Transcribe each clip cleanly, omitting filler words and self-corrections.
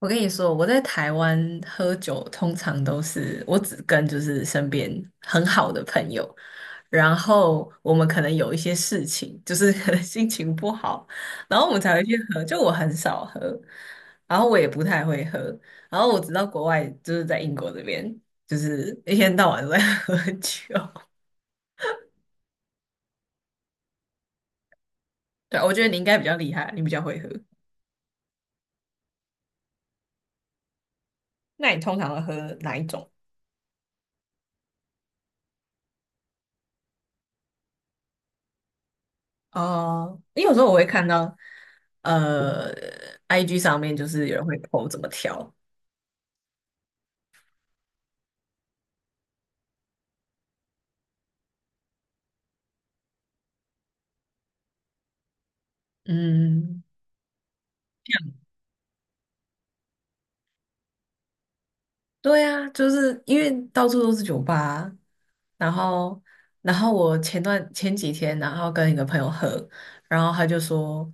我跟你说，我在台湾喝酒通常都是我只跟就是身边很好的朋友，然后我们可能有一些事情，就是可能心情不好，然后我们才会去喝。就我很少喝，然后我也不太会喝，然后我知道国外就是在英国这边，就是一天到晚都在 喝酒。对啊，我觉得你应该比较厉害，你比较会喝。那你通常会喝哪一种？哦、因为有时候我会看到。呃，IG 上面就是有人会 po 怎么调。嗯，对啊，就是因为到处都是酒吧啊然后，我前几天，然后跟一个朋友喝，然后他就说，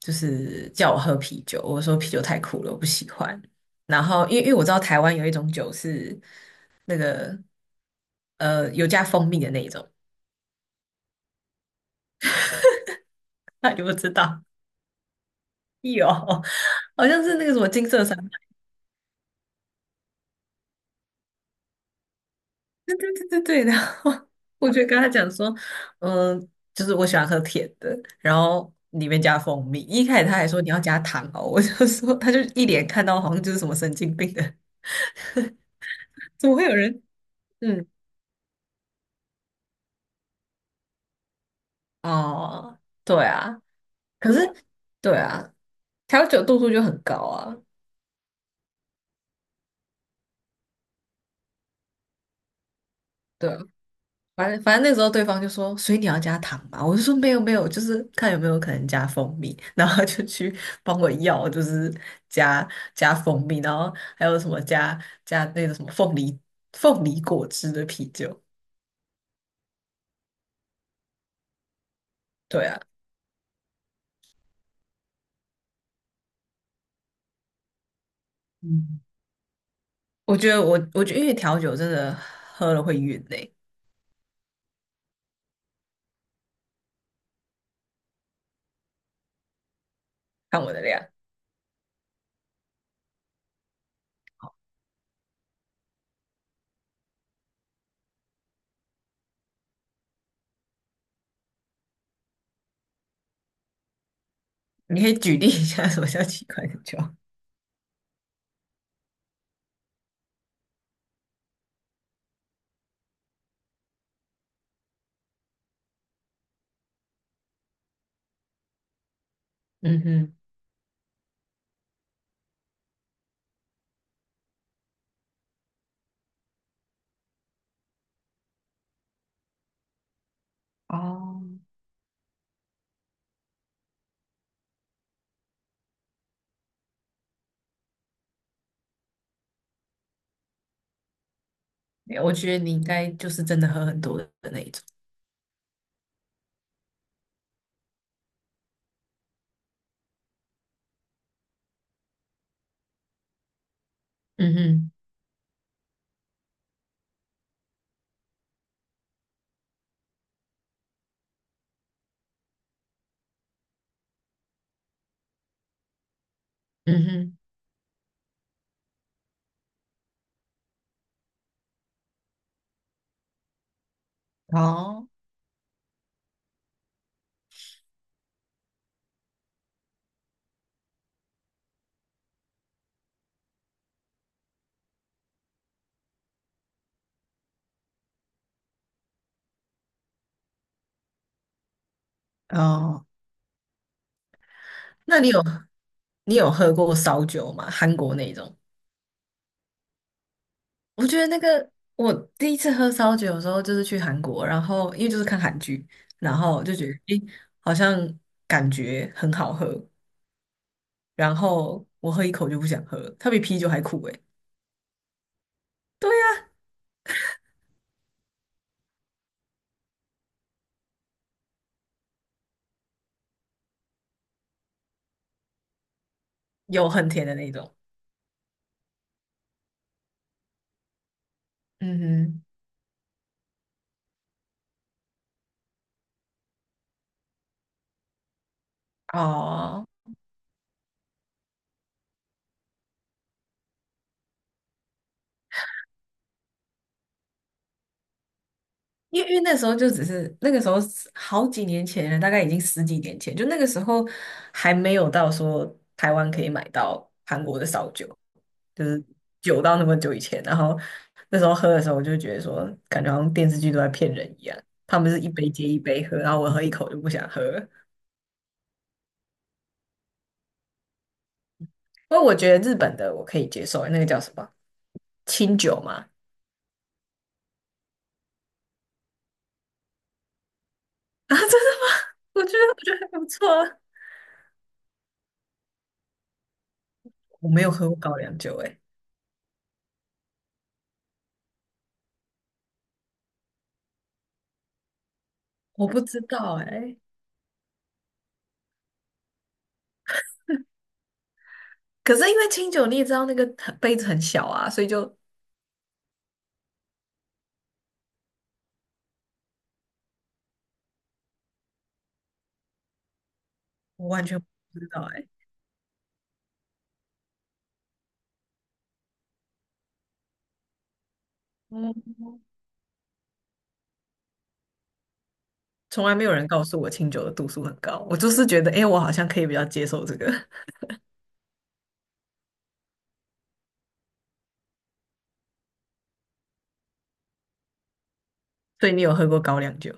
就是叫我喝啤酒，我说啤酒太苦了，我不喜欢。然后，因为我知道台湾有一种酒是那个有加蜂蜜的那一种，那你不知道？有，好像是那个什么金色山。对对对对，对，然后 我就跟他讲说，嗯，就是我喜欢喝甜的，然后里面加蜂蜜。一开始他还说你要加糖哦，我就说他就一脸看到好像就是什么神经病的，怎么会有人？嗯，哦，对啊，可是对啊，调酒度数就很高啊，对啊，反正那时候对方就说，所以你要加糖吧？我就说没有没有，就是看有没有可能加蜂蜜。然后他就去帮我要，就是加加蜂蜜，然后还有什么加那个什么凤梨果汁的啤酒。对啊，嗯，我觉得因为调酒真的喝了会晕呢、看我的量。你可以举例一下什么叫奇怪的酒？嗯哼，哦，我觉得你应该就是真的喝很多的那一种。嗯哼，嗯哼，哦。哦。那你有喝过烧酒吗？韩国那种？我觉得那个我第一次喝烧酒的时候就是去韩国，然后因为就是看韩剧，然后就觉得诶，好像感觉很好喝，然后我喝一口就不想喝了它比啤酒还苦诶，有很甜的那种。嗯哼，哦。因为那时候就只是那个时候是好几年前了，大概已经10几年前，就那个时候还没有到说台湾可以买到韩国的烧酒，就是久到那么久以前。然后那时候喝的时候，我就觉得说，感觉好像电视剧都在骗人一样，他们是一杯接一杯喝，然后我喝一口就不想喝了。不过我觉得日本的我可以接受，那个叫什么清酒嘛？啊，真的吗？我觉得还不错啊。我没有喝过高粱酒、欸，我不知道、哎。可是因为清酒，你也知道那个很杯子很小啊，所以就我完全不知道哎、哦，从来没有人告诉我清酒的度数很高，我就是觉得哎、我好像可以比较接受这个。所以你有喝过高粱酒？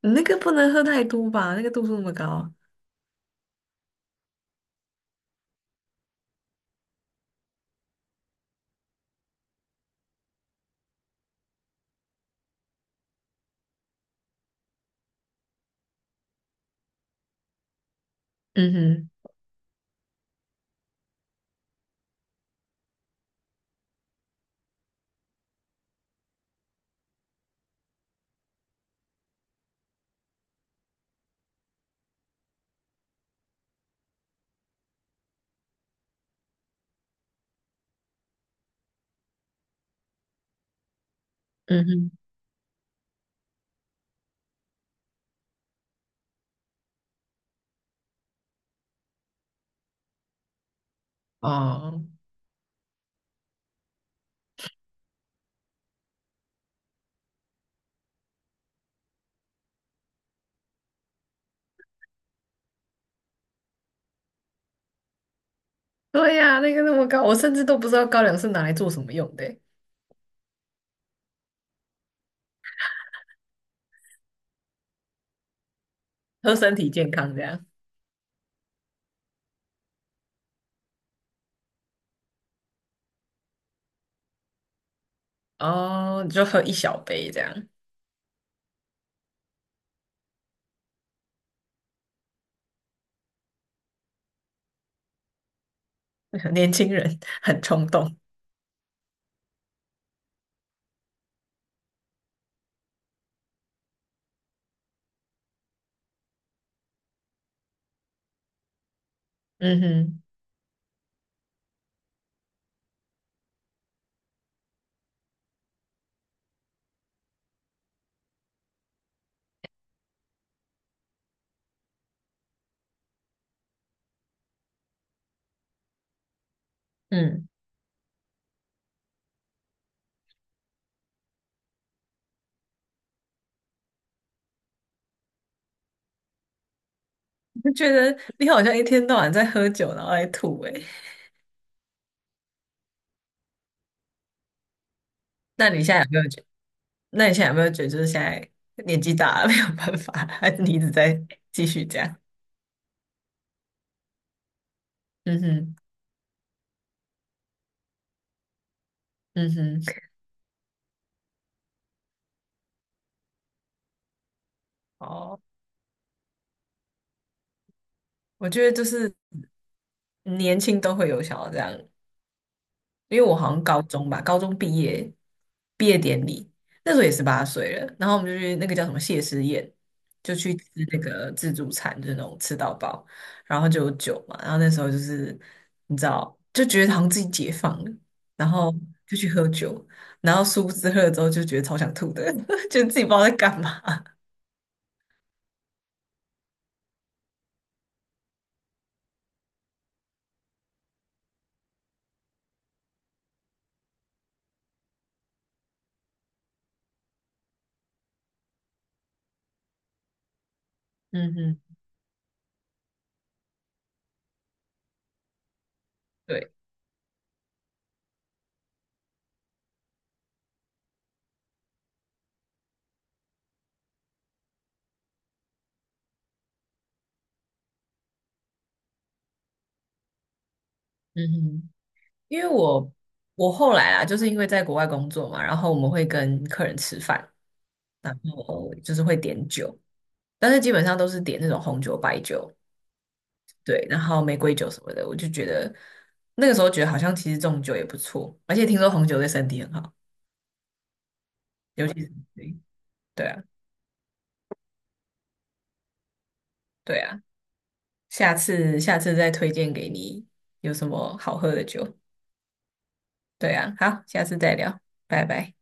你那个不能喝太多吧？那个度数那么高。嗯哼，嗯哼，哦，对呀、那个那么高，我甚至都不知道高粱是拿来做什么用的欸喝身体健康这样。哦，你就喝一小杯这样，年轻人很冲动。嗯哼，嗯。就觉得你好像一天到晚在喝酒，然后在吐诶、欸那你现在有没有觉？那你现在有没有觉得就是现在年纪大了 没有办法，还是你一直在继续这样？嗯哼，嗯哼，哦，我觉得就是年轻都会有想要这样因为我好像高中吧，高中毕业毕业典礼那时候也18岁了，然后我们就去那个叫什么谢师宴，就去吃那个自助餐，就是那种吃到饱，然后就有酒嘛，然后那时候就是你知道，就觉得好像自己解放了，然后就去喝酒，然后殊不知喝了之后就觉得超想吐的，就自己不知道在干嘛。嗯哼，对，嗯哼，因为我后来啊，就是因为在国外工作嘛，然后我们会跟客人吃饭。然后就是会点酒，但是基本上都是点那种红酒、白酒，对，然后玫瑰酒什么的。我就觉得那个时候觉得好像其实这种酒也不错，而且听说红酒对身体很好，尤其是对对啊，对啊，下次再推荐给你有什么好喝的酒。对啊，好，下次再聊，拜拜。